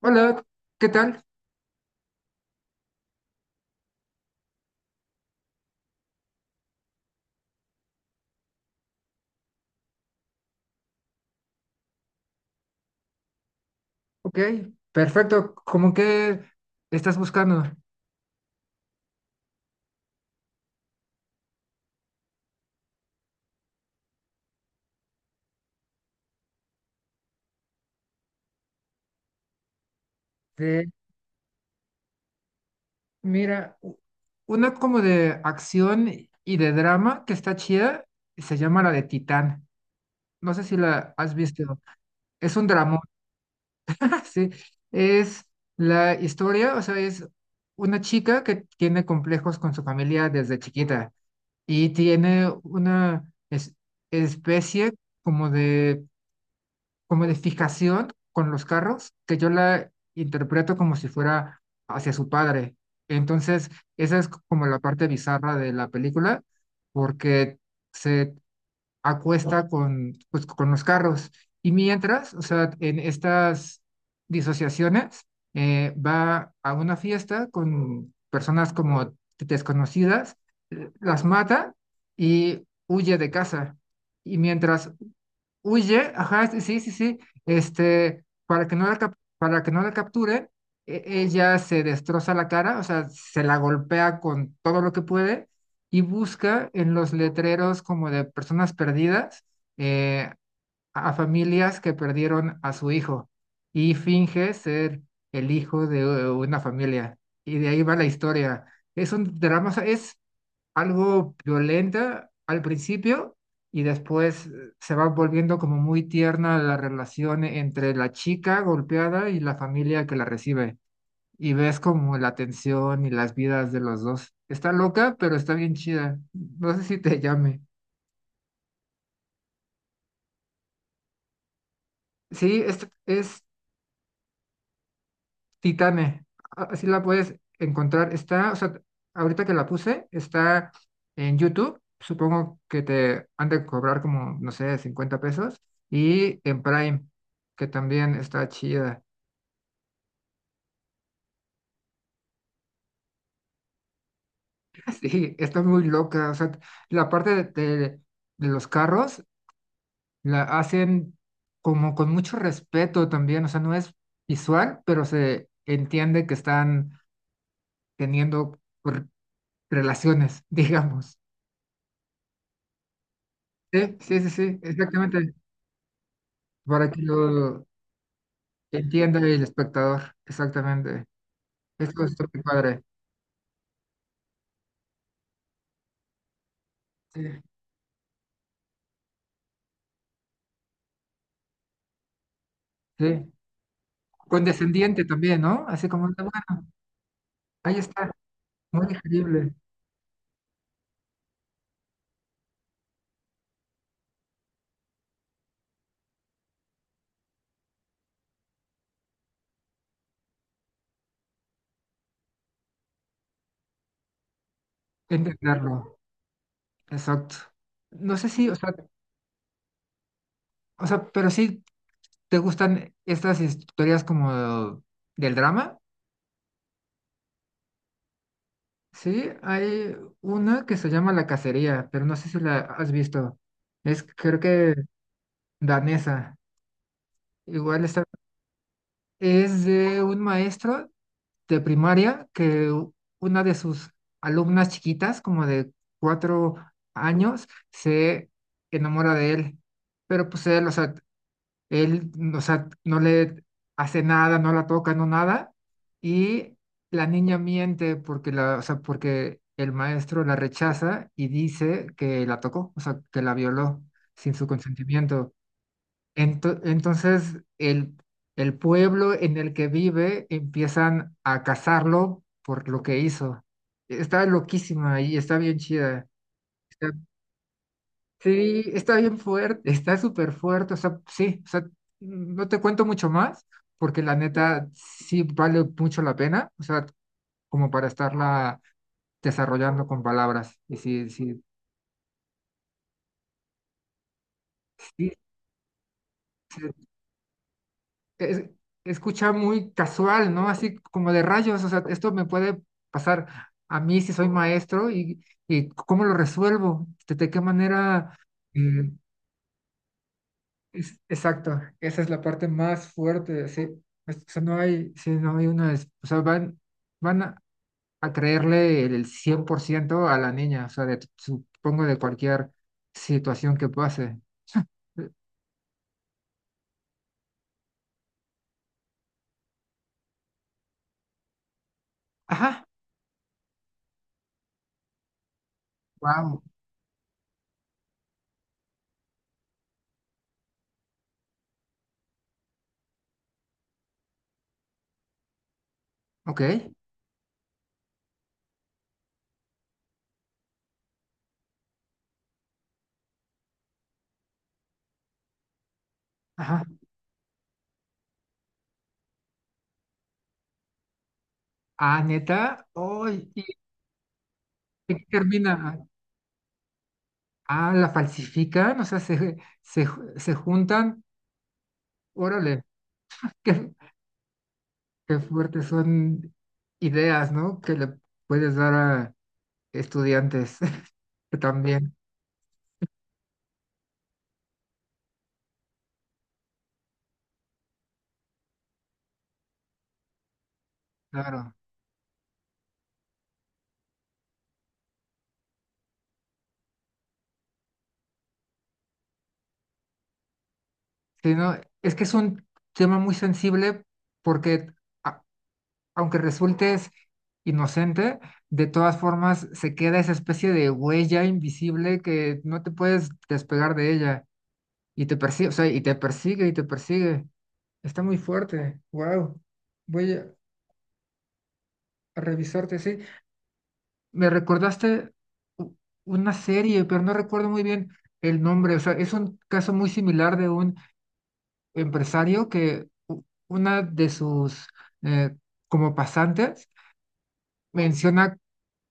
Hola, ¿qué tal? Ok, perfecto. ¿Cómo que estás buscando? Eh, mira, una como de acción y de drama que está chida, se llama la de Titán. No sé si la has visto. Es un drama, sí. Es la historia, o sea, es una chica que tiene complejos con su familia desde chiquita y tiene una es- especie como de como de fijación con los carros, que yo la interpreto como si fuera hacia su padre. Entonces, esa es como la parte bizarra de la película, porque se acuesta pues con los carros. Y mientras, o sea, en estas disociaciones, va a una fiesta con personas como desconocidas, las mata y huye de casa. Y mientras huye, ajá, sí, sí, sí, sí, para que no la capture, ella se destroza la cara, o sea, se la golpea con todo lo que puede y busca en los letreros como de personas perdidas eh, a familias que perdieron a su hijo y finge ser el hijo de una familia. Y de ahí va la historia. Es un drama, o sea, es algo violenta al principio y después se va volviendo como muy tierna la relación entre la chica golpeada y la familia que la recibe. Y ves como la tensión y las vidas de los dos. Está loca, pero está bien chida. No sé si te llame. Sí, es Titane, así la puedes encontrar. Está, o sea, ahorita que la puse, está en YouTube. Supongo que te han de cobrar como, no sé, 50 pesos. Y en Prime, que también está chida. Sí, está muy loca. O sea, la parte de los carros la hacen como con mucho respeto también. O sea, no es visual, pero se entiende que están teniendo r- relaciones, digamos. Sí, sí, sí, sí, exactamente, para que lo entienda el espectador, exactamente. Eso es muy padre. Sí, sí. Condescendiente también, ¿no? Así como, bueno, ahí está, muy digerible entenderlo. Exacto. No sé si, o sea, pero sí te gustan estas historias como del drama. Sí, hay una que se llama La Cacería, pero no sé si la has visto. Es creo que danesa. Igual está Es de un maestro de primaria que una de sus alumnas chiquitas, como de 4 años, se enamora de él. Pero pues él, o sea, no le hace nada, no la toca, no nada. Y la niña miente porque el maestro la rechaza y dice que la tocó, o sea, que la violó sin su consentimiento. Entonces, el pueblo en el que vive empiezan a cazarlo por lo que hizo. Está loquísima y está bien chida. Está- sí, está bien fuerte, está súper fuerte. O sea, sí, o sea, no te cuento mucho más porque la neta sí vale mucho la pena. O sea, como para estarla desarrollando con palabras. Y sí, sí, sí, sí, es- escucha muy casual, ¿no? Así como de rayos, o sea, esto me puede pasar a mí si soy maestro y cómo lo resuelvo, de qué manera. eh, exacto, esa es la parte más fuerte, sí. O sea, no hay, sí, no hay una. O sea, van a creerle el 100% a la niña, o sea, de, supongo de cualquier situación que pase. Ajá, wow, ok. Ajá. Ah, neta. Ay, ¿en qué termina? Ah, la falsifican, o sea, se, se juntan. Órale, qué, qué fuertes son ideas, ¿no? Que le puedes dar a estudiantes que también, claro. Sí, no, es que es un tema muy sensible porque a- aunque resultes inocente, de todas formas se queda esa especie de huella invisible que no te puedes despegar de ella y te persigue, o sea, y te persigue y te persigue. Está muy fuerte, wow. Voy a revisarte, sí. Me recordaste u- una serie, pero no recuerdo muy bien el nombre. O sea, es un caso muy similar de un empresario que una de sus eh, como pasantes menciona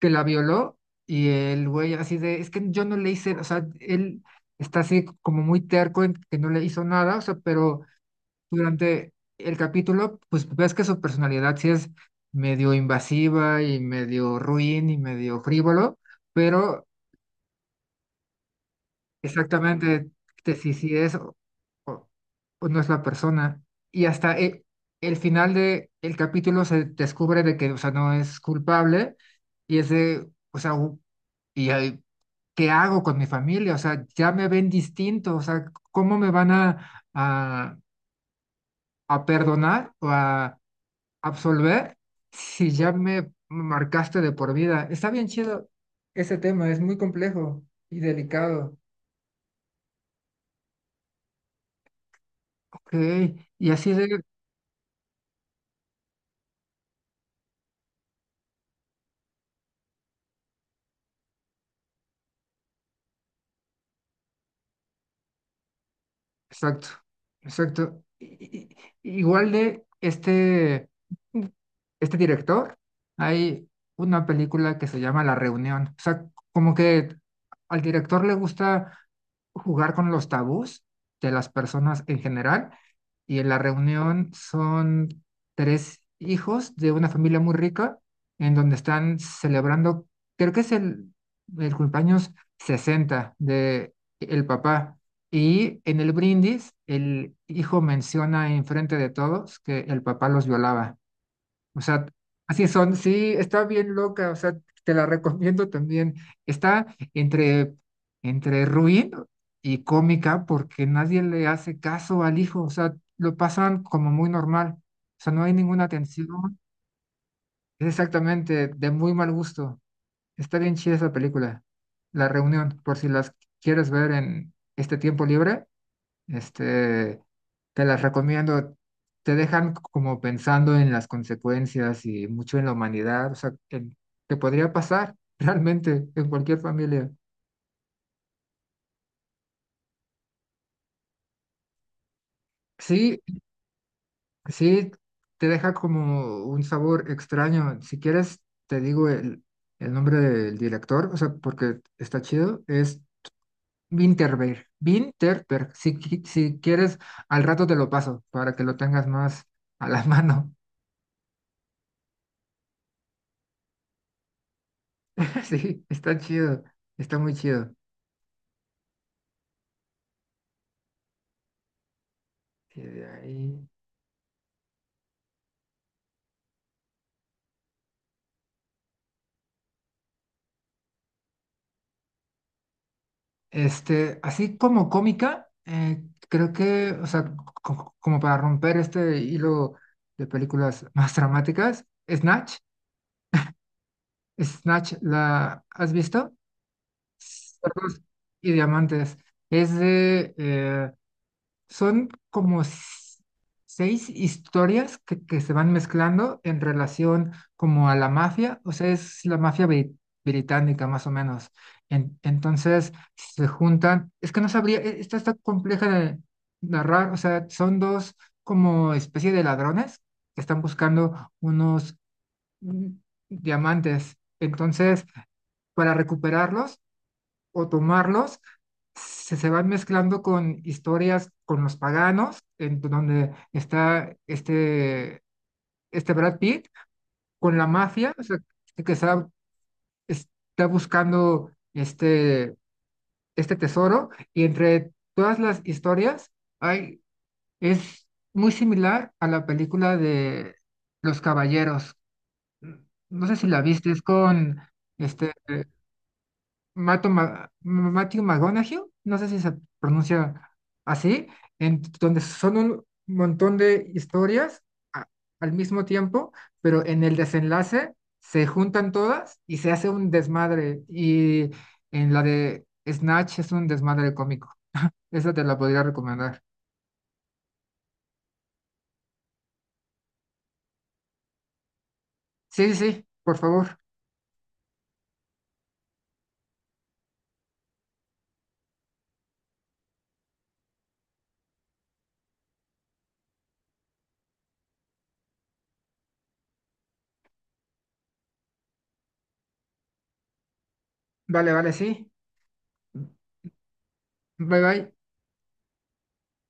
que la violó y el güey así de, es que yo no le hice, o sea, él está así como muy terco en que no le hizo nada, o sea, pero durante el capítulo, pues ves que su personalidad sí es medio invasiva y medio ruin y medio frívolo, pero exactamente si es o- o no es la persona. Y hasta el final de el capítulo se descubre de que, o sea, no es culpable y es de, o sea, y ahí, ¿qué hago con mi familia? O sea, ya me ven distinto, o sea, ¿cómo me van a perdonar o a absolver si ya me marcaste de por vida? Está bien chido ese tema, es muy complejo y delicado. Ok, y así de. Exacto, exacto. Igual de este director, hay una película que se llama La Reunión. O sea, como que al director le gusta jugar con los tabús de las personas en general. Y en La Reunión son tres hijos de una familia muy rica en donde están celebrando, creo que es el cumpleaños 60 de el papá. Y en el brindis, el hijo menciona enfrente de todos que el papá los violaba. O sea, así son, sí, está bien loca, o sea, te la recomiendo también. Está entre, entre ruin y cómica porque nadie le hace caso al hijo, o sea, lo pasan como muy normal, o sea, no hay ninguna tensión, es exactamente de muy mal gusto. Está bien chida esa película, La Reunión, por si las quieres ver en este tiempo libre, este, te las recomiendo. Te dejan como pensando en las consecuencias y mucho en la humanidad, o sea, que podría pasar realmente en cualquier familia. Sí, sí, te deja como un sabor extraño. Si quieres, te digo el nombre del director, o sea, porque está chido, es Winterberg. Winterberg, si quieres, al rato te lo paso para que lo tengas más a la mano. Sí, está chido, está muy chido. Y de ahí, así como cómica, creo que, o sea, como para romper este hilo de películas más dramáticas, Snatch, Snatch, ¿la has visto? Cerdos y diamantes. Es de Son como seis historias que se van mezclando en relación como a la mafia, o sea, es la mafia británica más o menos. Entonces se juntan, es que no sabría, esta está compleja de narrar, o sea, son dos como especie de ladrones que están buscando unos mm, diamantes. Entonces, para recuperarlos, o tomarlos, se van mezclando con historias con los paganos, en donde está este Brad Pitt, con la mafia, o sea, que está buscando este tesoro, y entre todas las historias hay, es muy similar a la película de Los Caballeros. No sé si la viste, es con este Matthew McConaughey, no sé si se pronuncia así, en donde son un montón de historias a- al mismo tiempo, pero en el desenlace se juntan todas y se hace un desmadre. Y en la de Snatch es un desmadre cómico. Esa te la podría recomendar. Sí, sí, sí, por favor. Vale, vale, sí. Bye, bye.